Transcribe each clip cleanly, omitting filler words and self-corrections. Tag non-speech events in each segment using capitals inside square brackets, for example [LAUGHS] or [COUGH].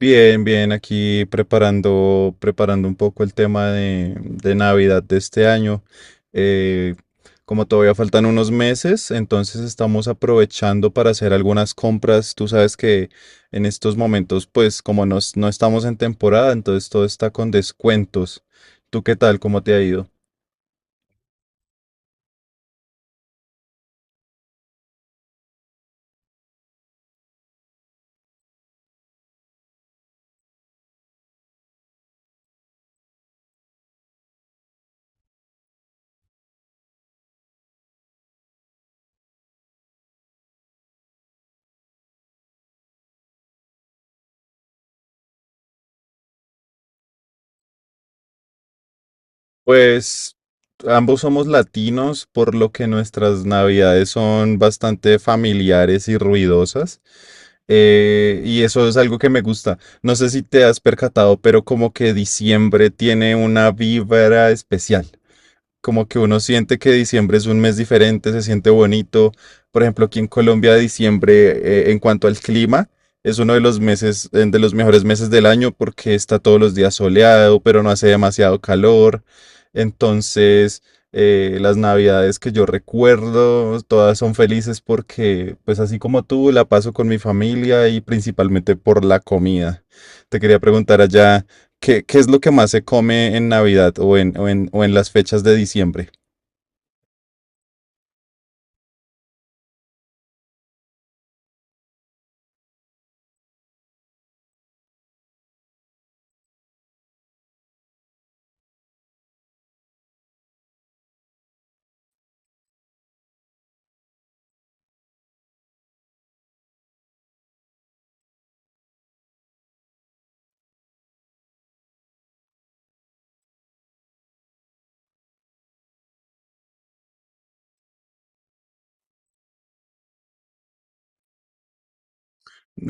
Bien, bien, aquí preparando, preparando un poco el tema de Navidad de este año. Eh, como todavía faltan unos meses, entonces estamos aprovechando para hacer algunas compras. Tú sabes que en estos momentos, pues como no estamos en temporada, entonces todo está con descuentos. ¿Tú qué tal? ¿Cómo te ha ido? Pues ambos somos latinos, por lo que nuestras navidades son bastante familiares y ruidosas. Y eso es algo que me gusta. No sé si te has percatado, pero como que diciembre tiene una vibra especial, como que uno siente que diciembre es un mes diferente, se siente bonito. Por ejemplo, aquí en Colombia, diciembre, en cuanto al clima, es uno de los meses, de los mejores meses del año porque está todos los días soleado, pero no hace demasiado calor. Entonces, las navidades que yo recuerdo, todas son felices porque, pues así como tú, la paso con mi familia y principalmente por la comida. Te quería preguntar allá. ¿Qué es lo que más se come en Navidad o en las fechas de diciembre?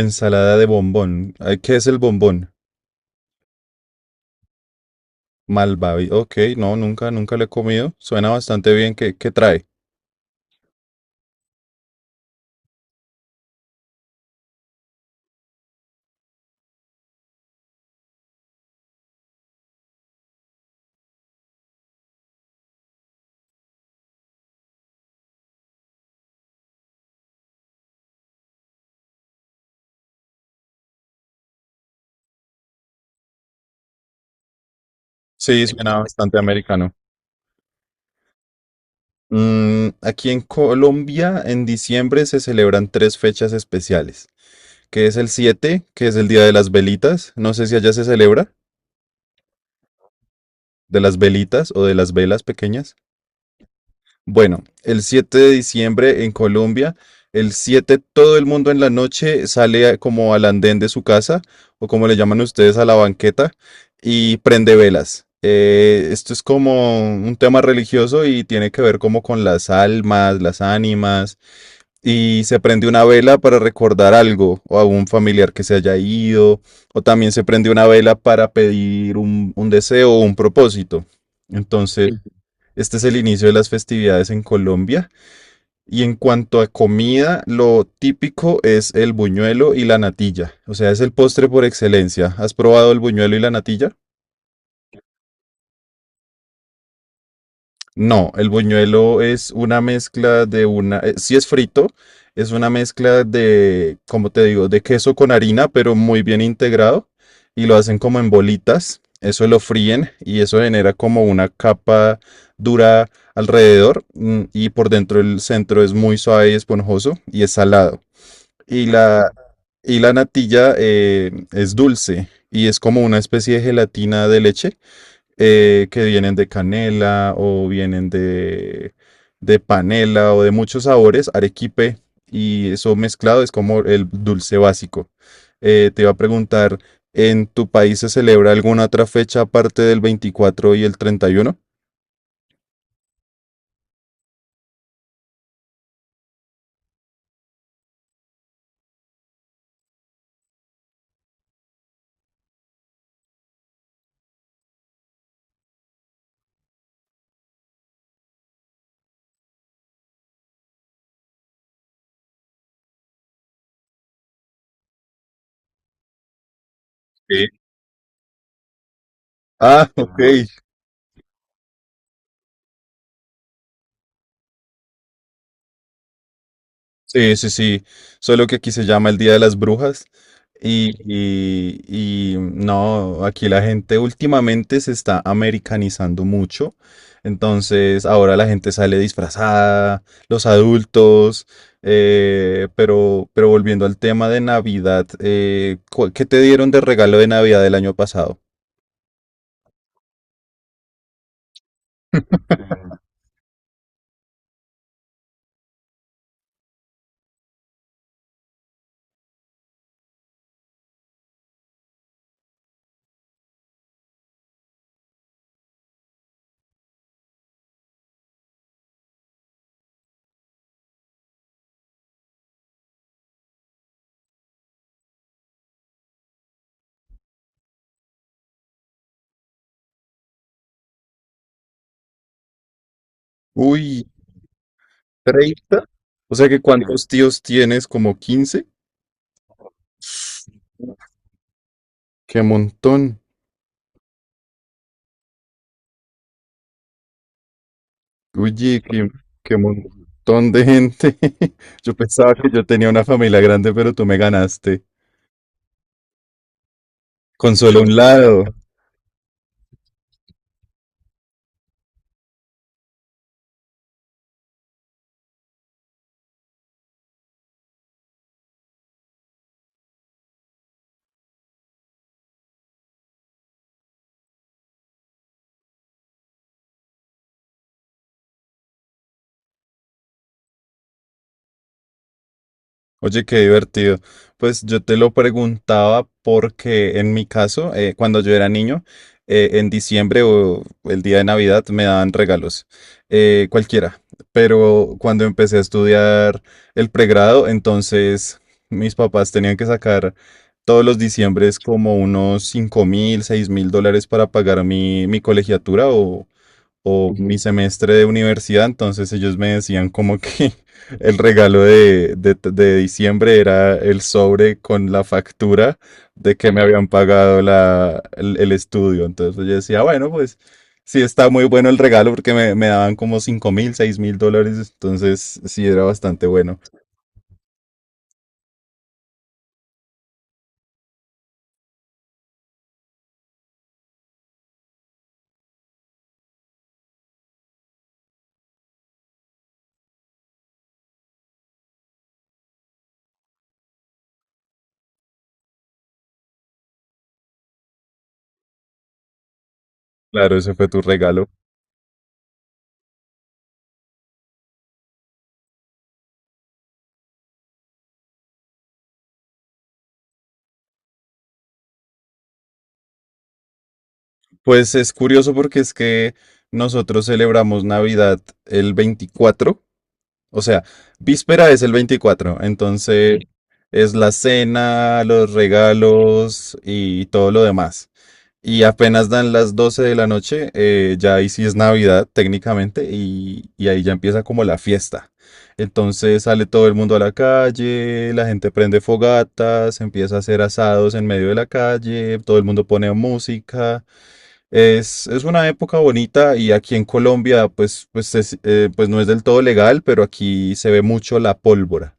Ensalada de bombón. Ay, ¿qué es el bombón? Malvavi. Ok, no, nunca, nunca lo he comido. Suena bastante bien. ¿Qué trae? Sí, suena bastante americano. Aquí en Colombia, en diciembre se celebran tres fechas especiales, que es el 7, que es el Día de las Velitas. No sé si allá se celebra de las velitas o de las velas pequeñas. Bueno, el 7 de diciembre en Colombia, el 7, todo el mundo en la noche sale como al andén de su casa, o como le llaman ustedes a la banqueta, y prende velas. Esto es como un tema religioso y tiene que ver como con las almas, las ánimas, y se prende una vela para recordar algo o a un familiar que se haya ido, o también se prende una vela para pedir un deseo o un propósito. Entonces. Este es el inicio de las festividades en Colombia. Y en cuanto a comida, lo típico es el buñuelo y la natilla. O sea, es el postre por excelencia. ¿Has probado el buñuelo y la natilla? No, el buñuelo es una mezcla de una, si es frito, es una mezcla de, como te digo, de queso con harina, pero muy bien integrado y lo hacen como en bolitas. Eso lo fríen y eso genera como una capa dura alrededor, y por dentro el centro es muy suave y esponjoso y es salado. Y la, y la natilla es dulce y es como una especie de gelatina de leche que vienen de canela o vienen de panela o de muchos sabores, arequipe, y eso mezclado es como el dulce básico. Te iba a preguntar, ¿en tu país se celebra alguna otra fecha aparte del 24 y el 31? Sí. Ah, ok. Ajá. Sí, sí, sí. Solo que aquí se llama el Día de las Brujas. No, aquí la gente últimamente se está americanizando mucho. Entonces, ahora la gente sale disfrazada, los adultos. Pero volviendo al tema de Navidad, ¿qué te dieron de regalo de Navidad del año pasado? Uy, 30. O sea que, ¿cuántos tíos tienes? ¿Como 15? ¡Qué montón! Oye, qué montón de gente. [LAUGHS] Yo pensaba que yo tenía una familia grande, pero tú me ganaste. Con solo un lado. Oye, qué divertido. Pues yo te lo preguntaba porque en mi caso, cuando yo era niño, en diciembre o el día de Navidad me daban regalos, cualquiera. Pero cuando empecé a estudiar el pregrado, entonces mis papás tenían que sacar todos los diciembres como unos 5,000, $6,000 para pagar mi colegiatura o mi semestre de universidad, entonces ellos me decían como que [LAUGHS] el regalo de, de diciembre era el sobre con la factura de que me habían pagado el estudio. Entonces yo decía, bueno, pues. Sí, está muy bueno el regalo porque me daban como 5,000, seis mil dólares, entonces sí era bastante bueno. Claro, ese fue tu regalo. Pues es curioso porque es que nosotros celebramos Navidad el 24. O sea, víspera es el 24, entonces. Sí. Es la cena, los regalos y todo lo demás. Y apenas dan las 12 de la noche, ya ahí sí es Navidad técnicamente y ahí ya empieza como la fiesta. Entonces sale todo el mundo a la calle, la gente prende fogatas, empieza a hacer asados en medio de la calle, todo el mundo pone música. Es una época bonita y aquí en Colombia pues no es del todo legal, pero aquí se ve mucho la pólvora.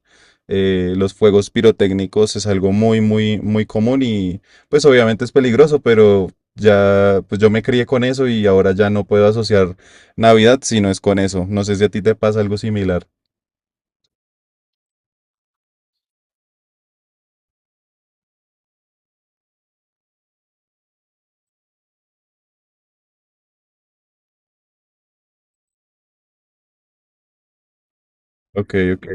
Los fuegos pirotécnicos es algo muy, muy, muy común y pues obviamente es peligroso, pero ya pues yo me crié con eso y ahora ya no puedo asociar Navidad si no es con eso. No sé si a ti te pasa algo similar. Ok, ok.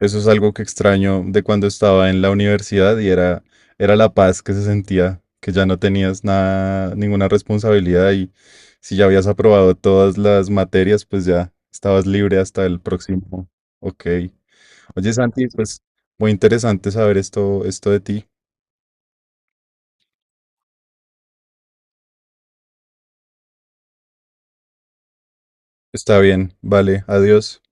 Eso es algo que extraño de cuando estaba en la universidad y era la paz que se sentía, que ya no tenías nada, ninguna responsabilidad y si ya habías aprobado todas las materias, pues ya estabas libre hasta el próximo. Ok. Oye, Santi, pues muy interesante saber esto de ti. Está bien, vale, adiós.